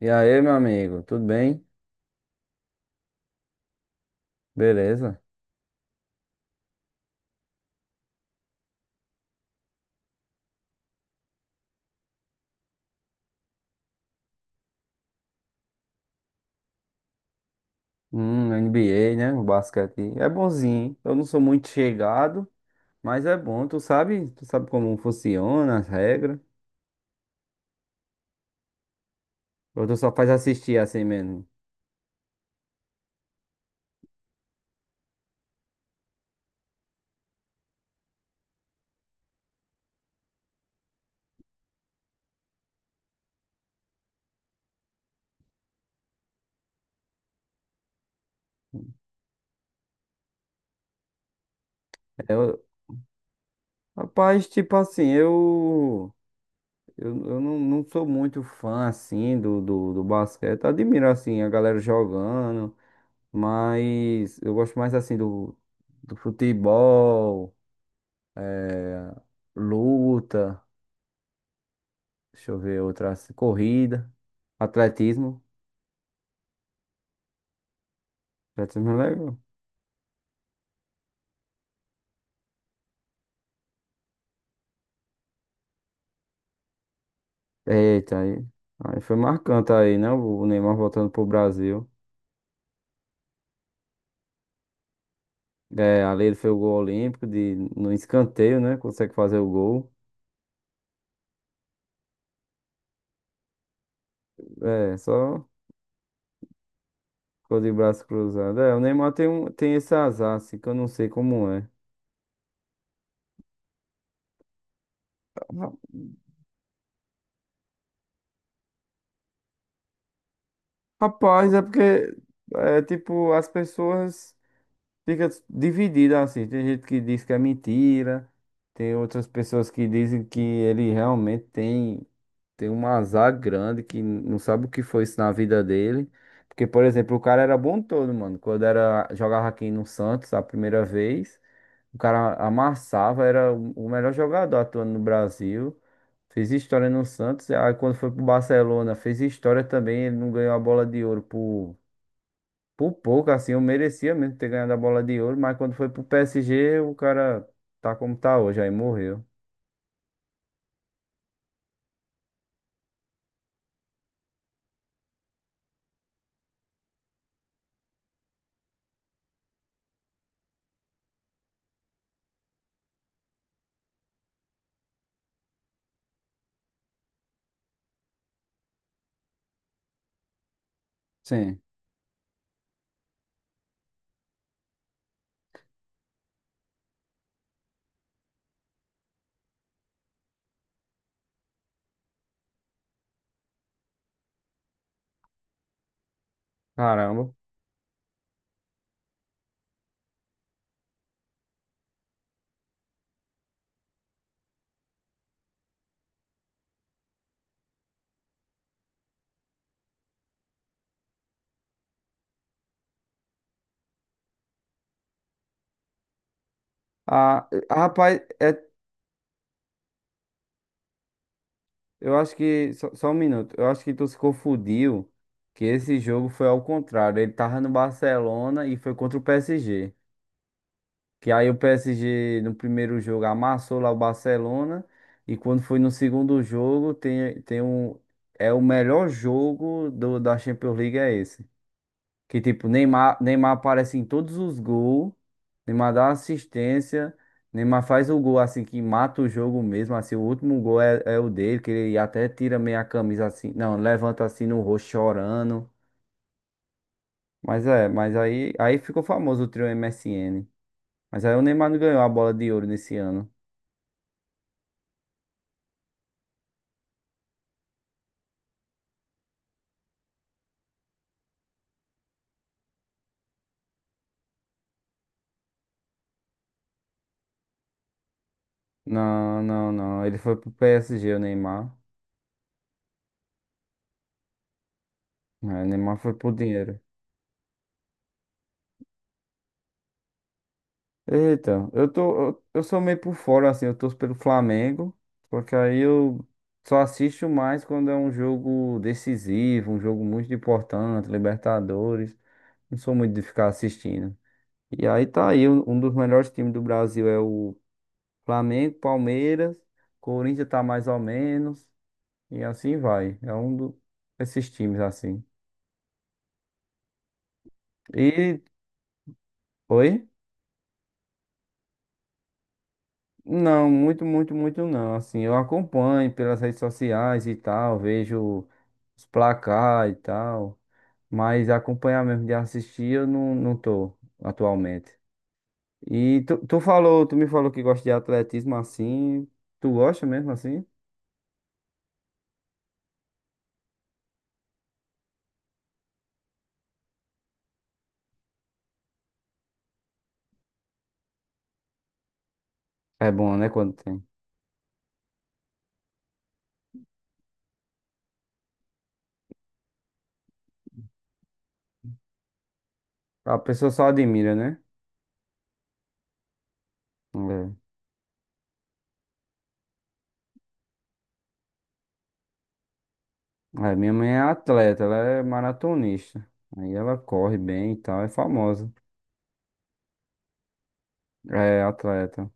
E aí, meu amigo, tudo bem? Beleza? NBA, né? O basquete é bonzinho, hein? Eu não sou muito chegado, mas é bom. Tu sabe como funciona as regras? Ou tu só faz assistir assim mesmo? Eu, rapaz, tipo assim, eu não sou muito fã assim do basquete. Admiro assim a galera jogando, mas eu gosto mais assim do futebol, luta. Deixa eu ver outra assim. Corrida. Atletismo. Atletismo é legal. Eita, aí. Aí foi marcante aí, né? O Neymar voltando pro Brasil. É, ali ele fez o gol olímpico de, no escanteio, né? Consegue fazer o gol. É, só ficou de braço cruzado. É, o Neymar tem, tem esse azar, assim, que eu não sei como é. Ra- Rapaz, é porque, é, tipo, as pessoas ficam divididas, assim. Tem gente que diz que é mentira. Tem outras pessoas que dizem que ele realmente tem. Tem um azar grande que não sabe o que foi isso na vida dele. Porque, por exemplo, o cara era bom todo, mano. Quando era, jogava aqui no Santos a primeira vez, o cara amassava, era o melhor jogador atuando no Brasil. Fez história no Santos. Aí quando foi pro Barcelona, fez história também. Ele não ganhou a bola de ouro por pouco, assim. Eu merecia mesmo ter ganhado a bola de ouro. Mas quando foi pro PSG, o cara tá como tá hoje, aí morreu. Sim. Caramba. Ah, rapaz, é. Eu acho que. Só um minuto. Eu acho que tu se confundiu que esse jogo foi ao contrário. Ele tava no Barcelona e foi contra o PSG. Que aí o PSG no primeiro jogo amassou lá o Barcelona. E quando foi no segundo jogo, tem um. É o melhor jogo da Champions League, é esse. Que tipo, Neymar aparece em todos os gols, Neymar dá assistência, Neymar faz o gol assim que mata o jogo mesmo, assim, o último gol é o dele, que ele até tira meio a camisa assim, não, levanta assim no rosto chorando. Mas é, aí ficou famoso o trio MSN. Mas aí o Neymar não ganhou a bola de ouro nesse ano. Não, não, não. Ele foi pro PSG, o Neymar. É, o Neymar foi pro dinheiro. Eita, eu sou meio por fora, assim, eu torço pelo Flamengo, porque aí eu só assisto mais quando é um jogo decisivo, um jogo muito importante, Libertadores, não sou muito de ficar assistindo. E aí tá aí, um dos melhores times do Brasil é o Flamengo, Palmeiras, Corinthians tá mais ou menos, e assim vai, é um desses times, assim. E, oi? Não, muito, muito, muito não. Assim, eu acompanho pelas redes sociais e tal, vejo os placar e tal, mas acompanhar mesmo de assistir eu não tô atualmente. E tu me falou que gosta de atletismo assim, tu gosta mesmo assim? É bom, né, quando tem. A pessoa só admira, né? É. É, minha mãe é atleta, ela é maratonista. Aí ela corre bem e tal, é famosa. É atleta.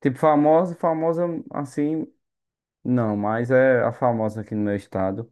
Tipo, famosa assim. Não, mas é a famosa aqui no meu estado.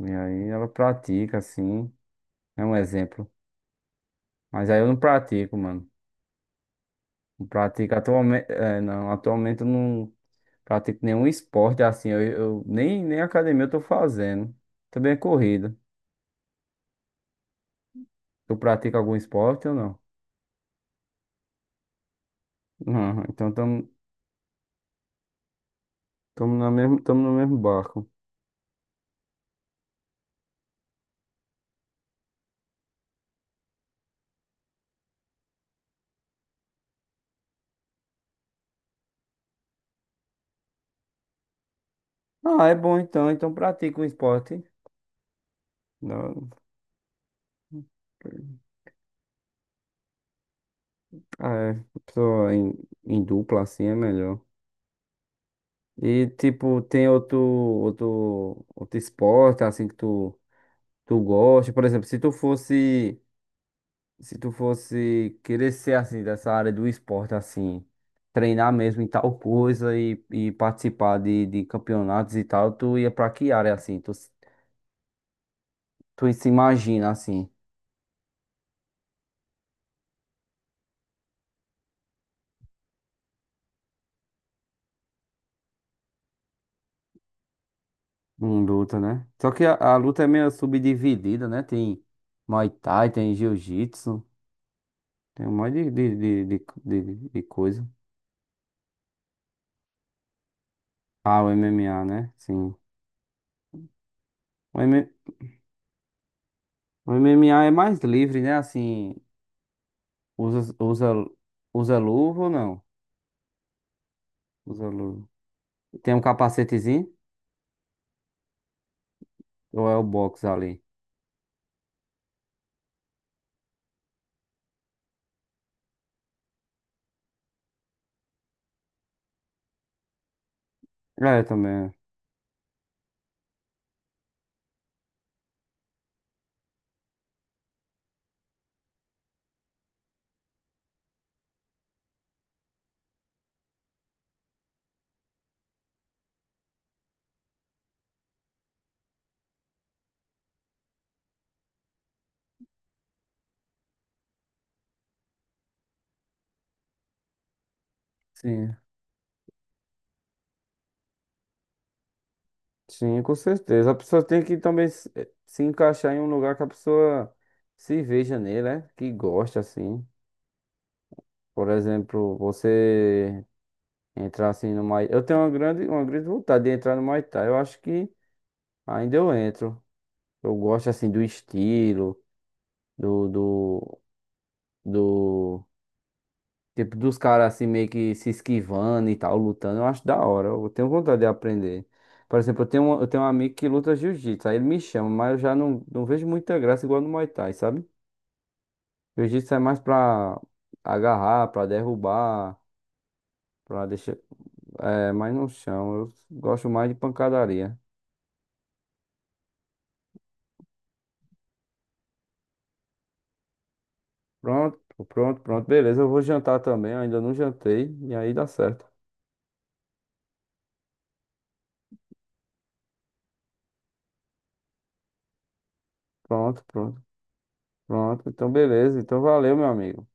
E aí ela pratica, assim. É um exemplo. Mas aí eu não pratico, mano. Não pratico atualmente. É, não, atualmente eu não pratico nenhum esporte assim. Nem academia eu tô fazendo. Também é corrida. Tu pratica algum esporte ou não? Não, então estamos tamo no mesmo barco. Ah, é bom então. Então pratica um esporte. Não, ah, é, pessoa em dupla assim é melhor. E tipo, tem outro esporte assim que tu, tu gosta. Por exemplo, se tu fosse querer ser assim dessa área do esporte assim, treinar mesmo em tal coisa e participar de campeonatos e tal, tu ia pra que área assim? Tu se imagina assim, em luta, né? Só que a luta é meio subdividida, né? Tem Muay Thai, tem Jiu-Jitsu, tem um monte de, de coisa. Ah, o MMA, né? Sim. O M- o MMA é mais livre, né? Assim, usa, usa, usa luva ou não? Usa luva. Tem um capacetezinho? Ou é o box ali? É, também, é. Sim. Sim, com certeza. A pessoa tem que também se se encaixar em um lugar que a pessoa se veja nele, né? Que gosta, assim. Por exemplo, você entrar assim no Muay... Eu tenho uma uma grande vontade de entrar no Muay Thai. Eu acho que ainda eu entro. Eu gosto, assim, do estilo, do... do tipo dos caras assim meio que se esquivando e tal, lutando, eu acho da hora. Eu tenho vontade de aprender. Por exemplo, eu tenho um amigo que luta jiu-jitsu, aí ele me chama, mas eu já não vejo muita graça igual no Muay Thai, sabe? Jiu-jitsu é mais pra agarrar, pra derrubar, pra deixar. É, mas no chão, eu gosto mais de pancadaria. Pronto, pronto, beleza. Eu vou jantar também, eu ainda não jantei, e aí dá certo. Pronto, pronto, pronto. Então, beleza. Então, valeu, meu amigo.